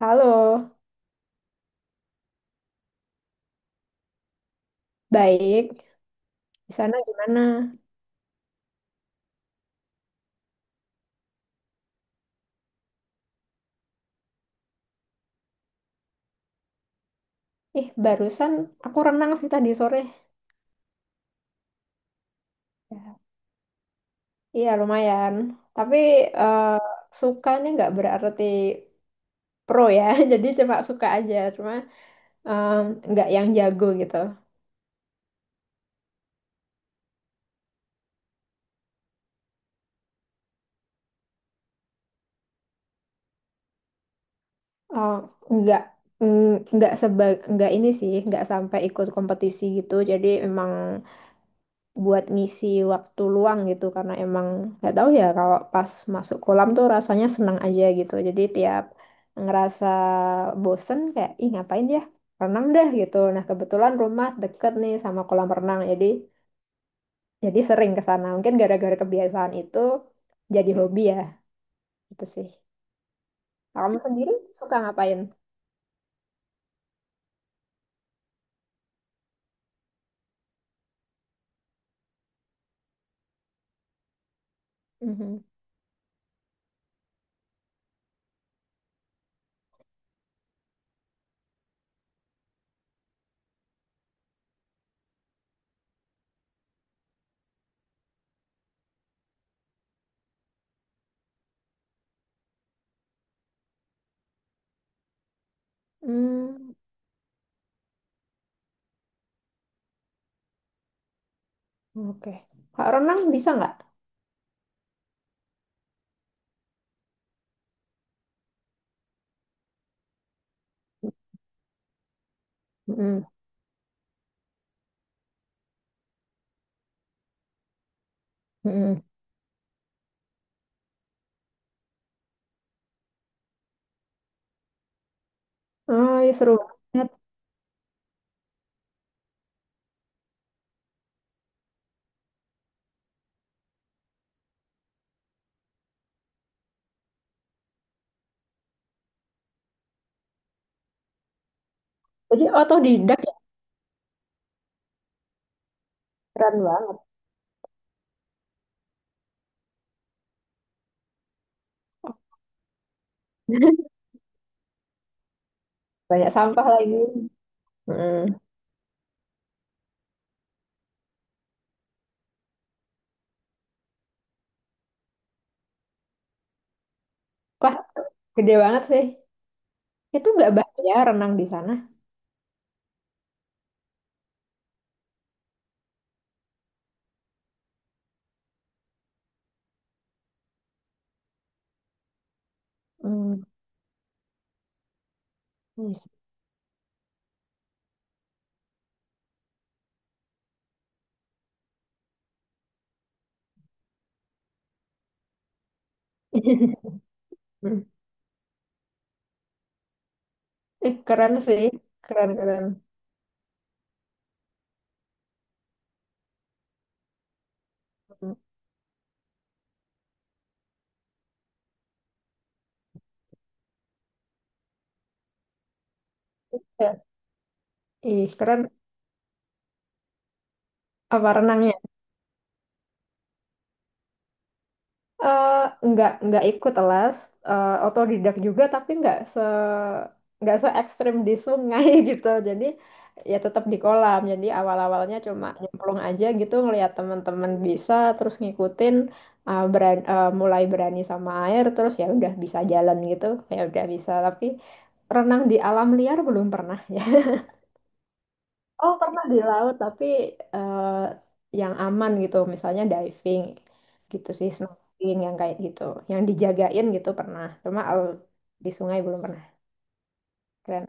Halo, baik. Di sana gimana? Ih, barusan aku renang sih tadi sore. Ya. Iya, lumayan. Tapi eh, suka nih nggak berarti pro ya. Jadi cuma suka aja, cuma em, nggak yang jago gitu. Eh, nggak mm, nggak seba nggak ini sih, nggak sampai ikut kompetisi gitu. Jadi emang buat ngisi waktu luang gitu karena emang nggak tahu ya kalau pas masuk kolam tuh rasanya senang aja gitu. Jadi tiap ngerasa bosen kayak ih ngapain ya renang deh gitu. Nah, kebetulan rumah deket nih sama kolam renang jadi sering ke sana. Mungkin gara-gara kebiasaan itu jadi hobi ya gitu sih. Kamu sendiri suka ngapain? Mhm. Hmm, oke Kak, renang bisa nggak? Mhm. Mhm. Oh, ya seru banget. Jadi otodidak ya, keren banget. Banyak sampah lagi. Mm. Wah, gede banget sih. Itu nggak bahaya renang di sana? Hmm. Yes. Eh, keren sih. Keren, keren. Mm. Ya, ih, keren. Apa renangnya? Eh, nggak ikut les, otodidak juga, tapi nggak se ekstrim di sungai gitu. Jadi ya tetap di kolam. Jadi awal-awalnya cuma nyemplung aja gitu, ngelihat teman-teman bisa terus ngikutin, mulai berani sama air, terus ya udah bisa jalan gitu. Ya udah bisa, tapi renang di alam liar belum pernah. Ya. Oh, pernah di laut, tapi eh, yang aman gitu, misalnya diving gitu sih, snorkeling yang kayak gitu, yang dijagain gitu pernah. Cuma kalau di sungai belum pernah. Keren.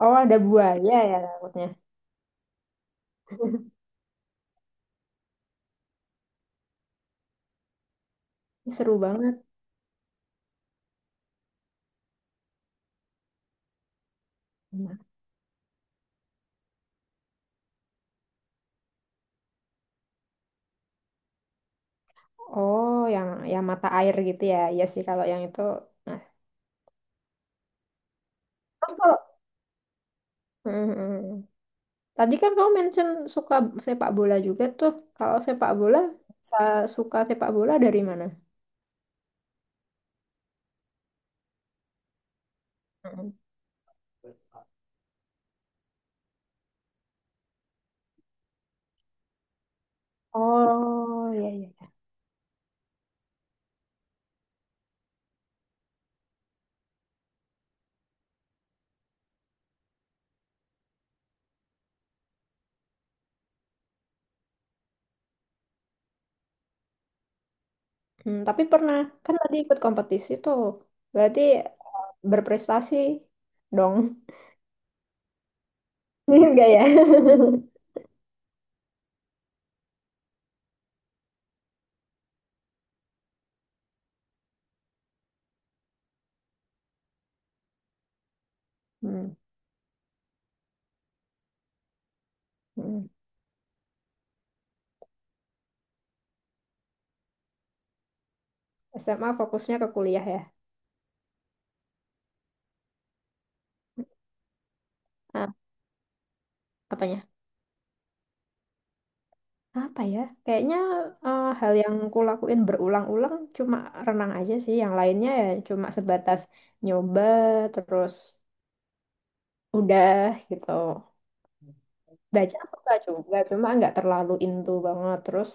Oh, ada buaya ya takutnya. Ih, seru banget. Nah, oh, yang mata air gitu ya. Iya sih kalau yang itu. Nah, kan kalau. Mhm. Tadi kan kamu mention suka sepak bola juga tuh. Kalau sepak bola, suka sepak bola dari mana? Mhm. Oh, iya iya. Tapi pernah kan tadi ikut kompetisi tuh. Berarti berprestasi dong. Enggak ya? Hmm, hmm. SMA fokusnya ke kuliah ya. Ah, apanya? Apa ya? Kayaknya hal yang kulakuin berulang-ulang cuma renang aja sih. Yang lainnya ya cuma sebatas nyoba terus udah gitu. Baca suka juga, cuma nggak terlalu into banget. Terus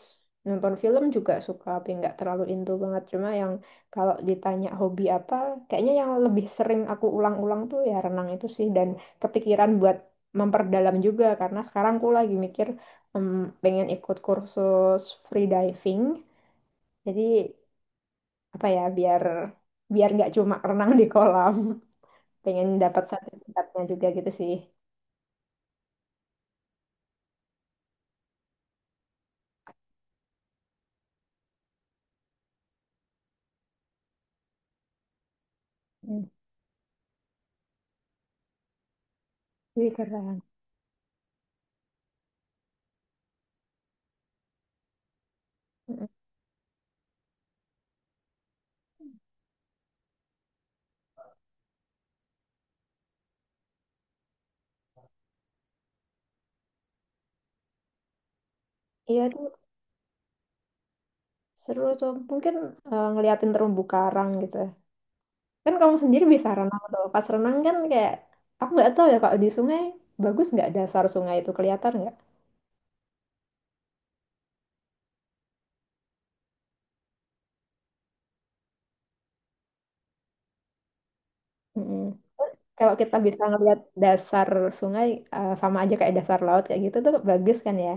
nonton film juga suka, tapi nggak terlalu into banget. Cuma yang, kalau ditanya hobi apa, kayaknya yang lebih sering aku ulang-ulang tuh ya renang itu sih. Dan kepikiran buat memperdalam juga, karena sekarang aku lagi mikir em, pengen ikut kursus free diving. Jadi apa ya, biar biar nggak cuma renang di kolam, pengen dapat sertifikatnya juga gitu sih. Hmm, wih, keren. Mm. Iya tuh, seru tuh. Mungkin ngeliatin terumbu karang gitu ya. Kan kamu sendiri bisa renang tuh. Pas renang kan kayak, aku nggak tahu ya kalau di sungai, bagus nggak dasar sungai itu, kelihatan nggak? Mm-mm. Kalau kita bisa ngeliat dasar sungai, sama aja kayak dasar laut kayak gitu, tuh bagus kan ya?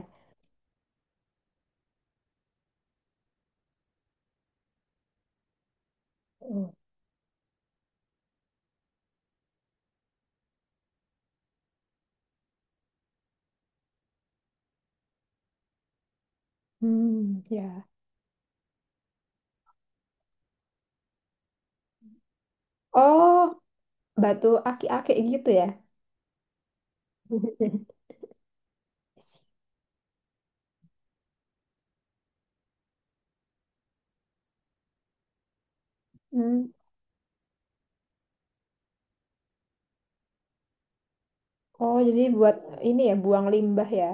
Mm. Hmm, ya. Oh, batu aki-aki gitu ya. Hmm. Oh, jadi buat ini ya, buang limbah ya.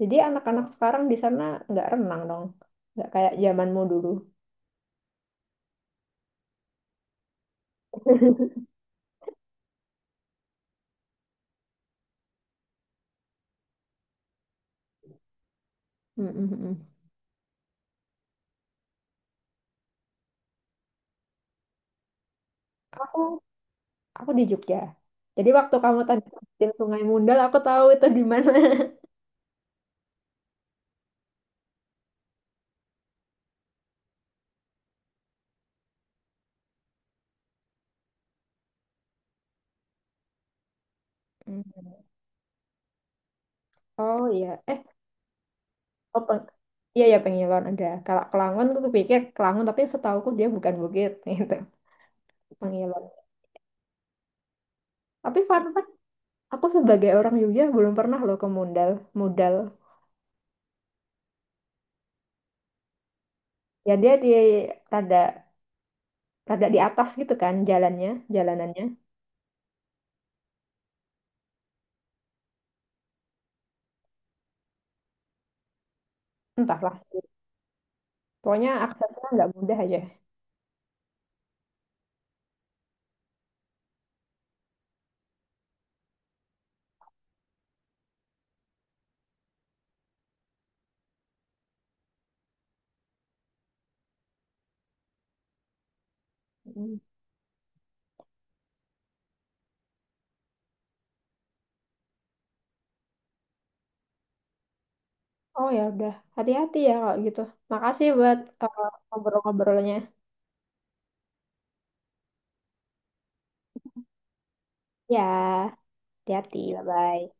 Jadi anak-anak sekarang di sana nggak renang dong. Nggak kayak zamanmu dulu. Mm, mm, mm. Aku aku di Jogja. Jadi waktu kamu tadi sebutin Sungai Mundal, aku tahu itu di mana. Mm. Oh iya, oh, iya ya Pengilon ada. Kalau Kelangon, aku pikir Kelangon tapi setauku dia bukan bukit gitu. Pengilon. Tapi fun fact, aku sebagai orang Jogja belum pernah loh ke Mundal. Mundal. Ya dia di rada rada di atas gitu kan jalannya, jalanannya. Entahlah. Pokoknya aksesnya nggak mudah aja. Oh ya udah, hati-hati ya kalau gitu. Makasih buat ngobrol-ngobrolnya. Ya, hati-hati, bye-bye.